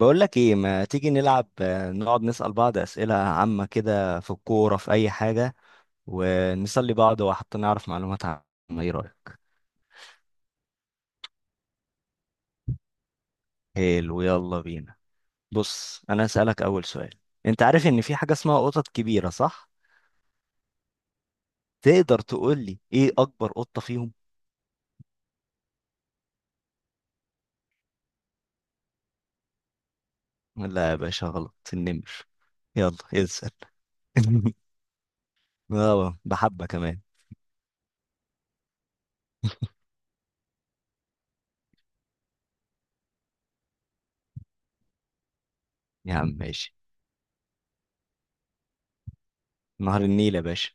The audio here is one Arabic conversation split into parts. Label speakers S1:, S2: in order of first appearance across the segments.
S1: بقول لك ايه ما تيجي نلعب نقعد نسأل بعض أسئلة عامة كده في الكورة في أي حاجة. ونسلي بعض وحتى نعرف معلومات عامة. ايه رأيك؟ حلو، يلا بينا. بص أنا هسألك أول سؤال. أنت عارف إن في حاجة اسمها قطط كبيرة، صح؟ تقدر تقول لي ايه أكبر قطة فيهم؟ لا يا باشا، غلط، النمر. يلا اسأل. اه، بحبة كمان. يا عم ماشي. نهر النيل يا باشا.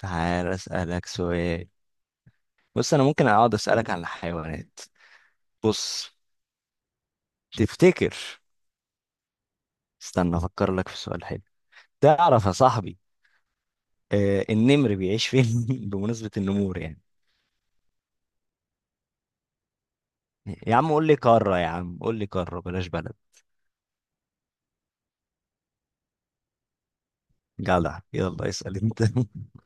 S1: تعال أسألك سؤال. بص أنا ممكن أقعد أسألك عن الحيوانات. بص، تفتكر، استنى افكر لك في سؤال حلو. تعرف يا صاحبي، النمر بيعيش فين؟ بمناسبة النمور يعني. يا عم قول لي قارة، يا عم قول لي قارة، بلاش بلد. جدع، يلا اسأل انت.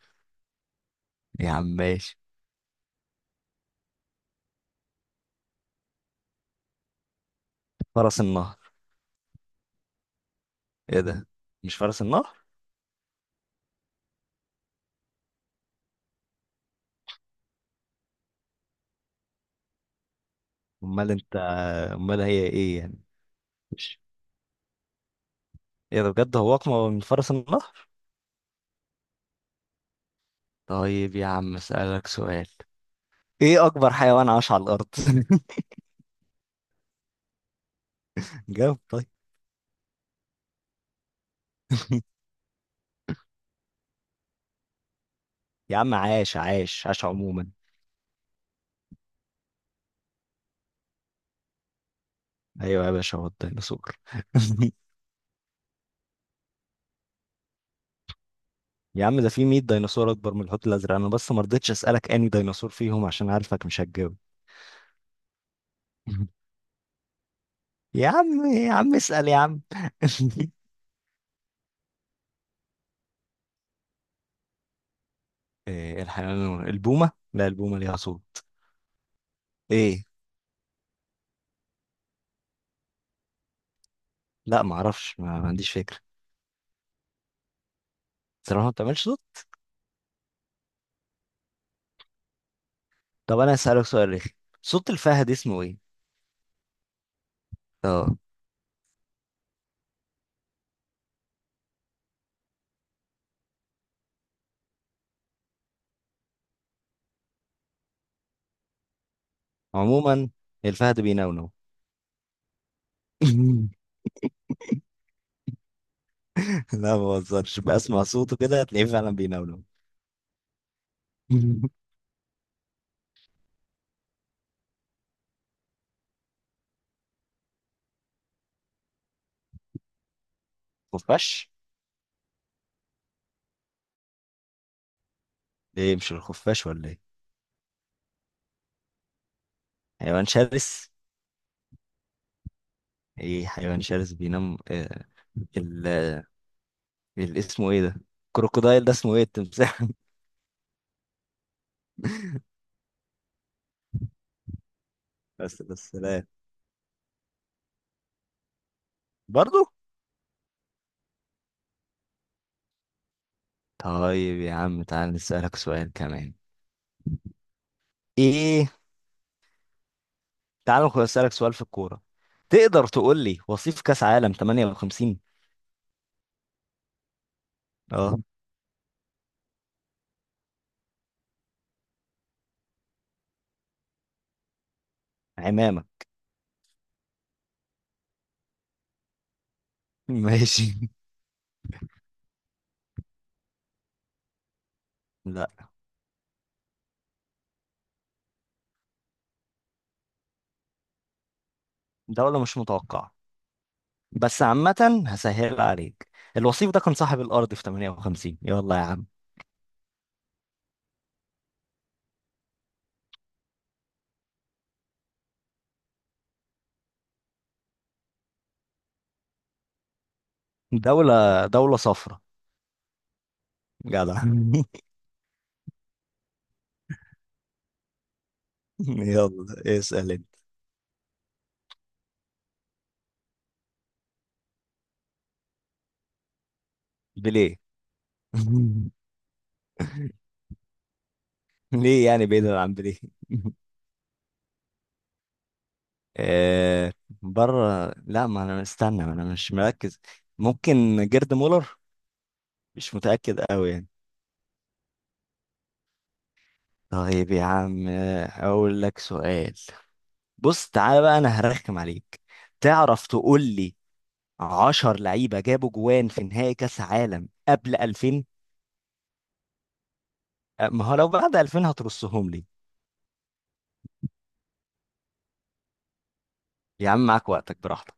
S1: يا عم ماشي. فرس النهر. ايه ده، مش فرس النهر؟ امال انت، امال هي ايه يعني؟ مش، ايه ده بجد، هو اقمى من فرس النهر؟ طيب يا عم اسألك سؤال. ايه اكبر حيوان عاش على الارض؟ جاوب طيب. يا عم، عاش عاش عاش عموما. ايوه يا باشا، هو الديناصور. يا عم ده في 100 ديناصور اكبر من الحوت الازرق، انا بس ما رضيتش اسالك اني ديناصور فيهم عشان عارفك مش هتجاوب. يا عم، يا عم اسال يا عم. إيه الحيوان؟ البومه؟ لا البومه ليها صوت. ايه؟ لا ما اعرفش، ما عنديش فكره. صراحه ما بتعملش صوت؟ طب انا هسالك سؤال رخي. صوت الفهد اسمه ايه؟ اه. عموما الفهد بينونو. لا ما بهزرش، بسمع صوته كده هتلاقيه فعلا بينونو. خفاش. ايه مش الخفاش ولا ايه؟ حيوان شرس. ايه حيوان شرس بينام ال... اسمه ايه ده؟ كروكودايل، ده اسمه ايه؟ التمساح. بس بس لا. برضو. طيب يا عم تعال نسألك سؤال كمان. ايه؟ تعال نسألك سؤال في الكورة. تقدر تقول لي وصيف كأس عالم 58؟ اه. عمامة. ماشي. لا دولة مش متوقعة، بس عامة هسهل عليك. الوصيف ده كان صاحب الأرض في 58، يلا يا عم. دولة دولة صفرا. جدع. يلا اسأل انت. بليه. ليه يعني بعيدا عن بليه؟ آه بره، لا ما انا استنى، ما انا مش مركز. ممكن جيرد مولر. مش متأكد قوي يعني. طيب يا عم، اقول لك سؤال. بص تعالى بقى انا هرخم عليك. تعرف تقول لي 10 لعيبة جابوا جوان في نهائي كأس عالم قبل 2000؟ ما هو لو بعد 2000 هترصهم لي. يا عم معاك وقتك براحتك.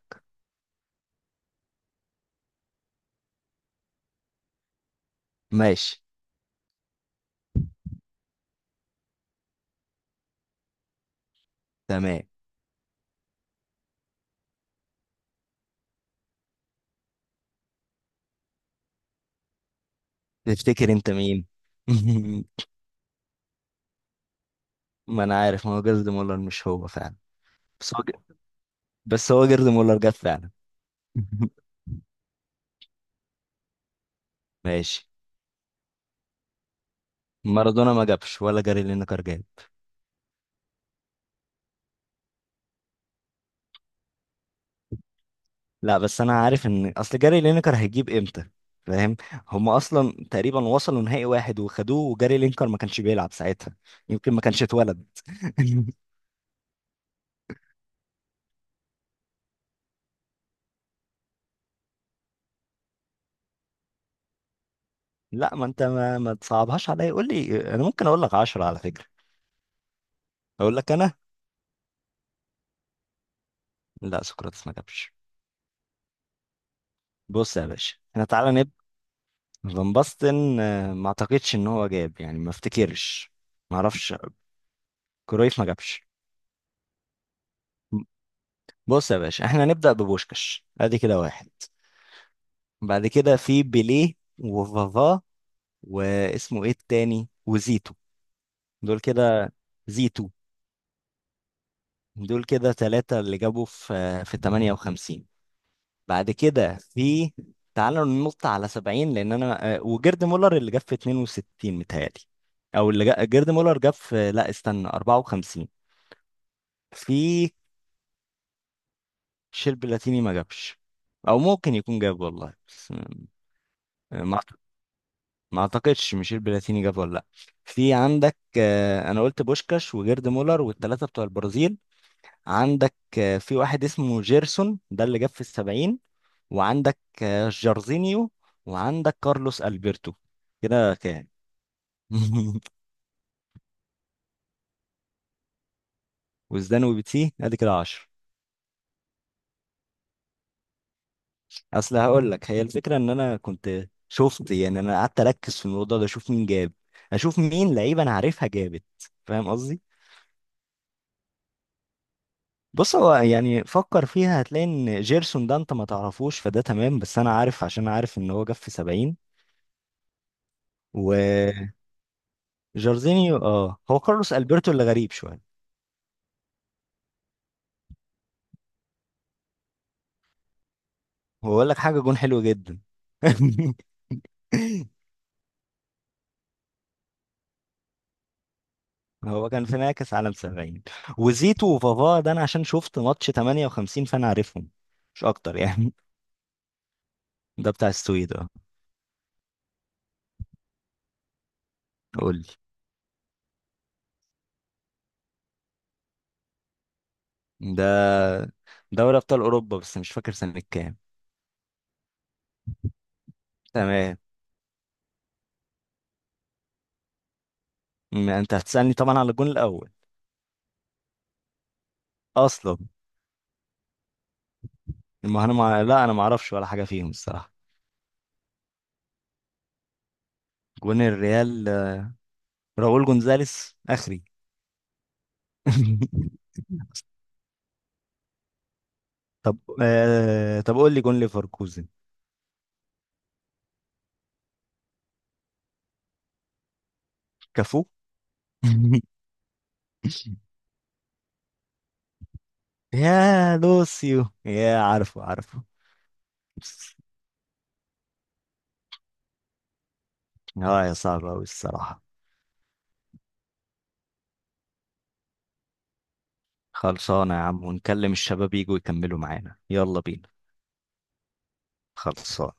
S1: ماشي. تمام. تفتكر انت مين؟ ما انا عارف، ما هو جيرد مولر مش هو فعلا. بس هو بس هو جيرد مولر جاب فعلا. ماشي. مارادونا ما جابش ولا جاري لينكر جاب. لا بس انا عارف ان اصل جاري لينكر هيجيب امتى. فاهم، هما اصلا تقريبا وصلوا نهائي واحد وخدوه وجاري لينكر ما كانش بيلعب ساعتها. يمكن ما كانش اتولد. لا ما انت ما تصعبهاش عليا، قول لي انا ممكن اقول لك 10 على فكرة. اقول لك انا. لا سقراطس ما جابش. بص يا باشا احنا تعالى. فان باستن، ما اعتقدش ان هو جاب يعني، ما افتكرش. ما اعرفش. كرويف ما جابش. بص يا باشا احنا هنبدأ ببوشكاش، ادي كده واحد. بعد كده في بيليه وفافا، واسمه ايه التاني وزيتو. دول كده. زيتو. دول كده 3 اللي جابوا في في 58. بعد كده في، تعالوا ننط على 70 لان انا وجيرد مولر اللي جاب في 62 متهيألي. او اللي جيرد مولر جاب في، لا استنى، 54. في الشيب بلاتيني ما جابش، او ممكن يكون جاب والله بس. ما أعت- ما اعتقدش ميشيل بلاتيني جاب ولا لا. في عندك انا قلت بوشكاش وجيرد مولر والثلاثه بتوع البرازيل. عندك في واحد اسمه جيرسون، ده اللي جاب في الـ70. وعندك جارزينيو. وعندك كارلوس البرتو. كده كام؟ وزدان وبيتسي، ادي كده 10. اصل هقول لك هي الفكره ان انا كنت شفت يعني، انا قعدت اركز في الموضوع ده اشوف مين جاب، اشوف مين لعيبه انا عارفها جابت. فاهم قصدي. بص هو يعني فكر فيها هتلاقي ان جيرسون ده انت ما تعرفوش، فده تمام، بس انا عارف عشان أنا عارف ان هو جاب في 70. وجارزينيو اه، هو كارلوس البرتو اللي غريب شويه. هو اقول لك حاجه، جون حلو جدا. هو كان في نهاية عالم 70. وزيتو وفافا ده انا عشان شفت ماتش 58 فانا عارفهم، مش اكتر يعني. ده بتاع السويد قول لي. ده دوري ابطال اوروبا، بس مش فاكر سنة كام. تمام. ما انت هتسألني طبعا على الجون الاول. اصلا. ما انا لا انا ما اعرفش ولا حاجة فيهم الصراحة. جون الريال راؤول جونزاليس اخري. طب طب قول لي جون ليفركوزن. كفو. يا لوسيو، يا عارفه عارفه. اه يا صعب أوي الصراحة. خلصانة يا عم، ونكلم الشباب يجوا يكملوا معانا، يلا بينا. خلصانة.